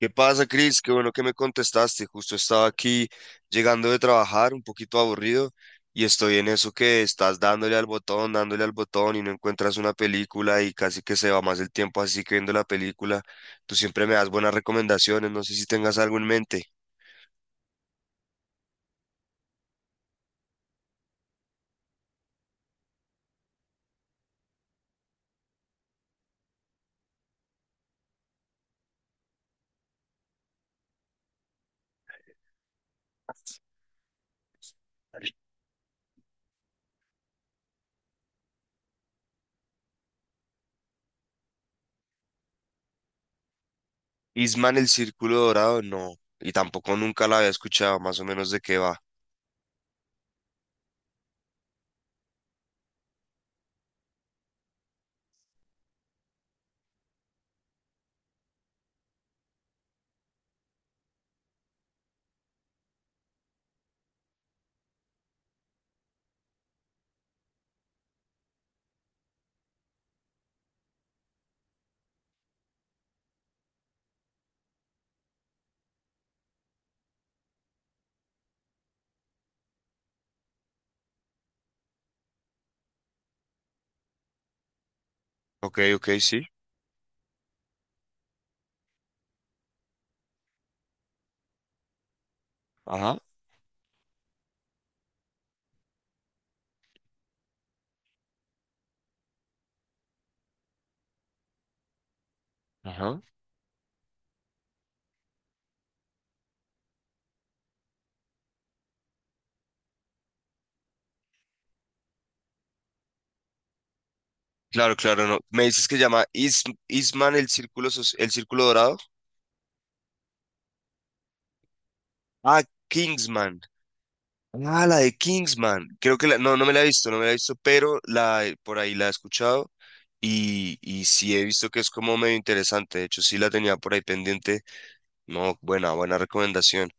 ¿Qué pasa, Cris? Qué bueno que me contestaste. Justo estaba aquí llegando de trabajar, un poquito aburrido, y estoy en eso que estás dándole al botón y no encuentras una película y casi que se va más el tiempo así que viendo la película. Tú siempre me das buenas recomendaciones, no sé si tengas algo en mente. Isman el Círculo Dorado, no. Y tampoco nunca la había escuchado, más o menos de qué va. Ok, ok, sí. Ajá, ajá. Claro, claro, no. Me dices que se llama Is Isman el Círculo, Soci- el Círculo Dorado. Ah, Kingsman. Ah, la de Kingsman. Creo que no, no me la he visto, no me la he visto, pero la por ahí la he escuchado y sí he visto que es como medio interesante. De hecho, sí la tenía por ahí pendiente. No, buena, buena recomendación.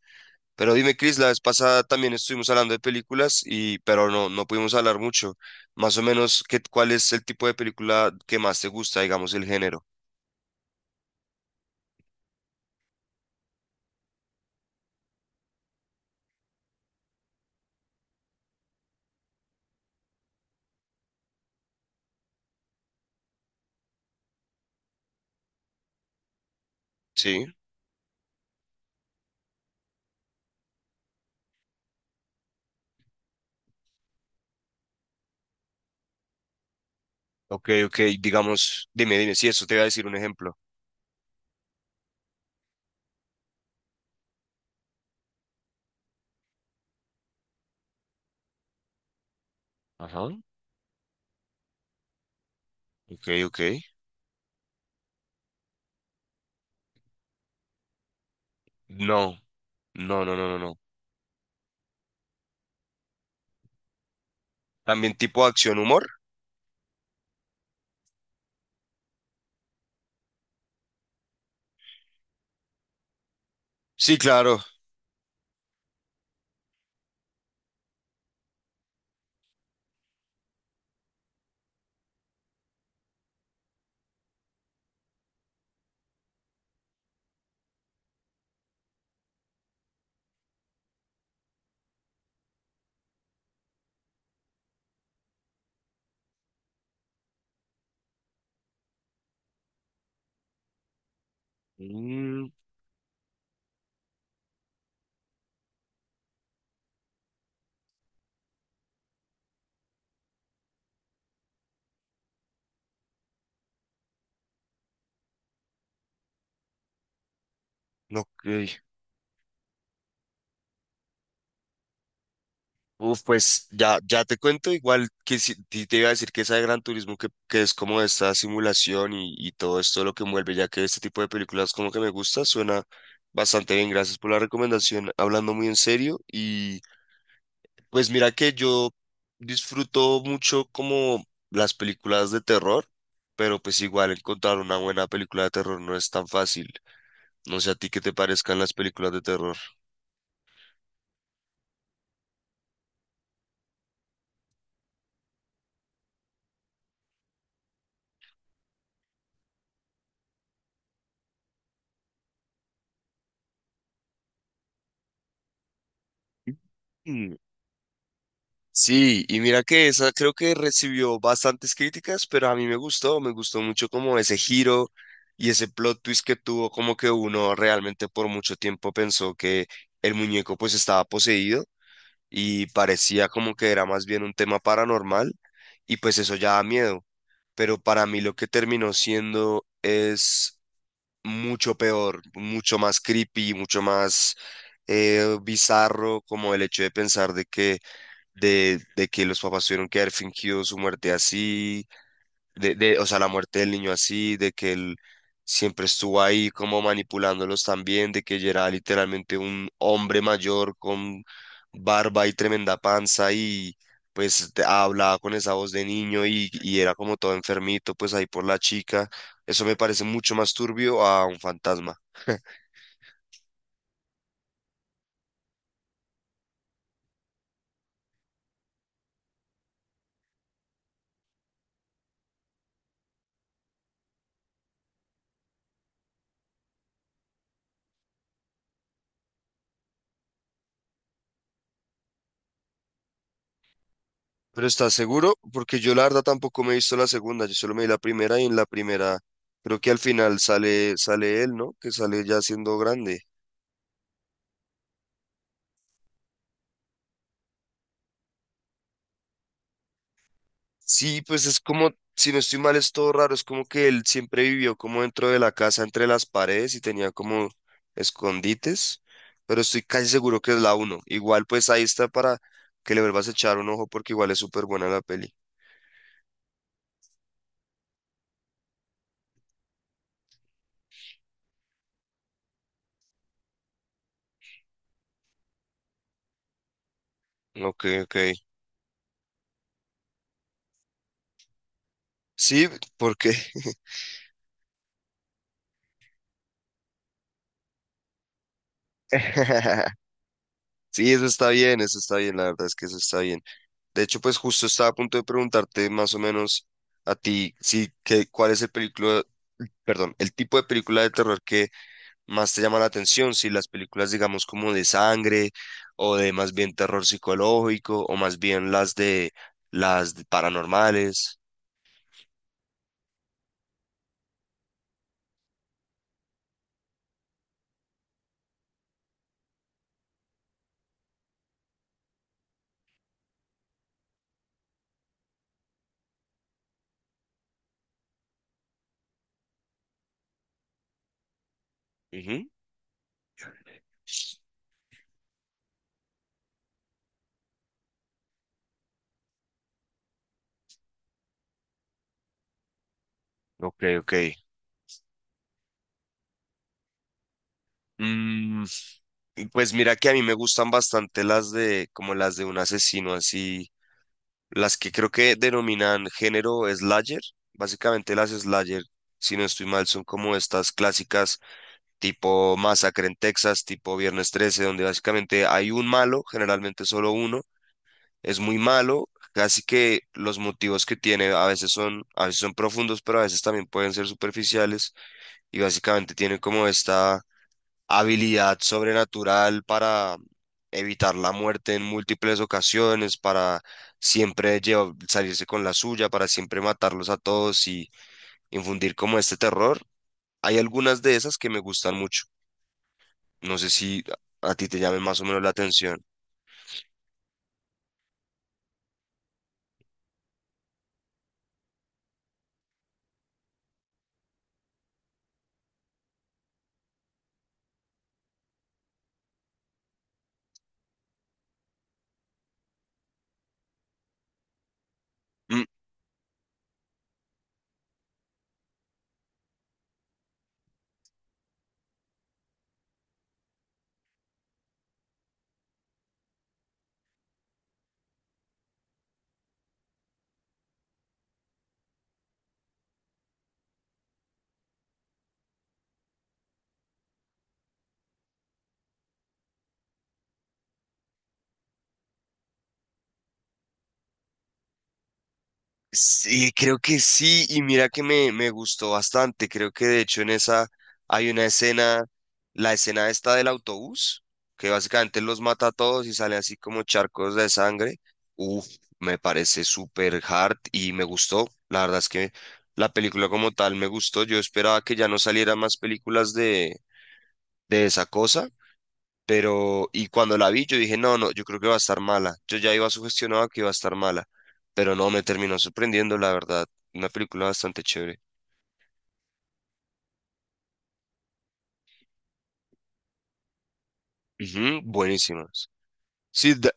Pero dime, Chris, la vez pasada también estuvimos hablando de películas y, pero no, no pudimos hablar mucho. Más o menos, ¿cuál es el tipo de película que más te gusta, digamos, el género? Sí. Ok, ok, digamos, dime, dime, sí, eso te iba a decir un ejemplo. Ajá. Ok, ok. No, no, no, no, no, no. También tipo acción humor. Sí, claro. Mm, ok. Uf, pues ya, ya te cuento igual que si, ti- te iba a decir que esa de Gran Turismo que es como esta simulación y todo esto lo que envuelve, ya que este tipo de películas como que me gusta, suena bastante bien. Gracias por la recomendación, hablando muy en serio. Y pues mira que yo disfruto mucho como las películas de terror, pero pues igual encontrar una buena película de terror no es tan fácil. No sé a ti qué te parezcan las películas de terror. Mm. Sí, y mira que esa creo que recibió bastantes críticas, pero a mí me gustó mucho como ese giro y ese plot twist que tuvo, como que uno realmente por mucho tiempo pensó que el muñeco pues estaba poseído. Y parecía como que era más bien un tema paranormal y pues eso ya da miedo. Pero para mí lo que terminó siendo es mucho peor, mucho más creepy, mucho más bizarro, como el hecho de pensar de que los papás tuvieron que haber fingido su muerte así o sea, la muerte del niño así, de que él siempre estuvo ahí como manipulándolos también, de que ella era literalmente un hombre mayor con barba y tremenda panza y hablaba con esa voz de niño y era como todo enfermito, pues ahí por la chica. Eso me parece mucho más turbio a un fantasma. Pero ¿estás seguro? Porque yo la verdad tampoco me he visto la segunda, yo solo me vi la primera y en la primera creo que al final sale, él, ¿no? Que sale ya siendo grande. Sí, pues es como, si no estoy mal, es todo raro, es como que él siempre vivió como dentro de la casa, entre las paredes y tenía como escondites, pero estoy casi seguro que es la uno. Igual pues ahí está para que le vuelvas a echar un ojo porque igual es súper buena la peli. Ok, ok. Sí, porque... Sí, eso está bien, la verdad es que eso está bien. De hecho, pues justo estaba a punto de preguntarte más o menos a ti, sí, que, cuál es el película, perdón, el tipo de película de terror que más te llama la atención, si las películas, digamos, como de sangre o de más bien terror psicológico o más bien las de paranormales. Ujú. Ok, ok. Mm, y pues mira que a mí me gustan bastante las de como las de un asesino así, las que creo que denominan género slasher. Básicamente las slasher, si no estoy mal, son como estas clásicas tipo Masacre en Texas, tipo Viernes 13, donde básicamente hay un malo, generalmente solo uno es muy malo, casi que los motivos que tiene a veces son profundos, pero a veces también pueden ser superficiales y básicamente tiene como esta habilidad sobrenatural para evitar la muerte en múltiples ocasiones, para siempre llevar- salirse con la suya, para siempre matarlos a todos y infundir como este terror. Hay algunas de esas que me gustan mucho. No sé si a ti te llamen más o menos la atención. Sí, creo que sí, y mira que me gustó bastante. Creo que de hecho en esa hay una escena, la escena esta del autobús, que básicamente los mata a todos y sale así como charcos de sangre. Uf, me parece súper hard y me gustó. La verdad es que la película como tal me gustó. Yo esperaba que ya no salieran más películas de esa cosa. Pero, y cuando la vi, yo dije, no, no, yo creo que va a estar mala. Yo ya iba sugestionado que iba a estar mala, pero no, me terminó sorprendiendo, la verdad. Una película bastante chévere. Ujú, buenísimas. Sí, da,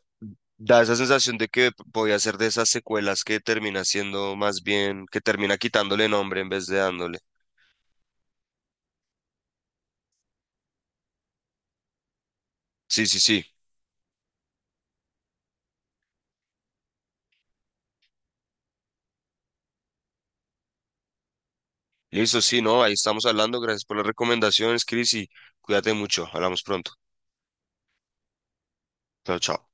da esa sensación de que podía ser de esas secuelas que termina siendo más bien, que termina quitándole nombre en vez de dándole. Sí, sí, sí. Listo, sí, no, ahí estamos hablando. Gracias por las recomendaciones, Chris, y cuídate mucho. Hablamos pronto. Chao, chao.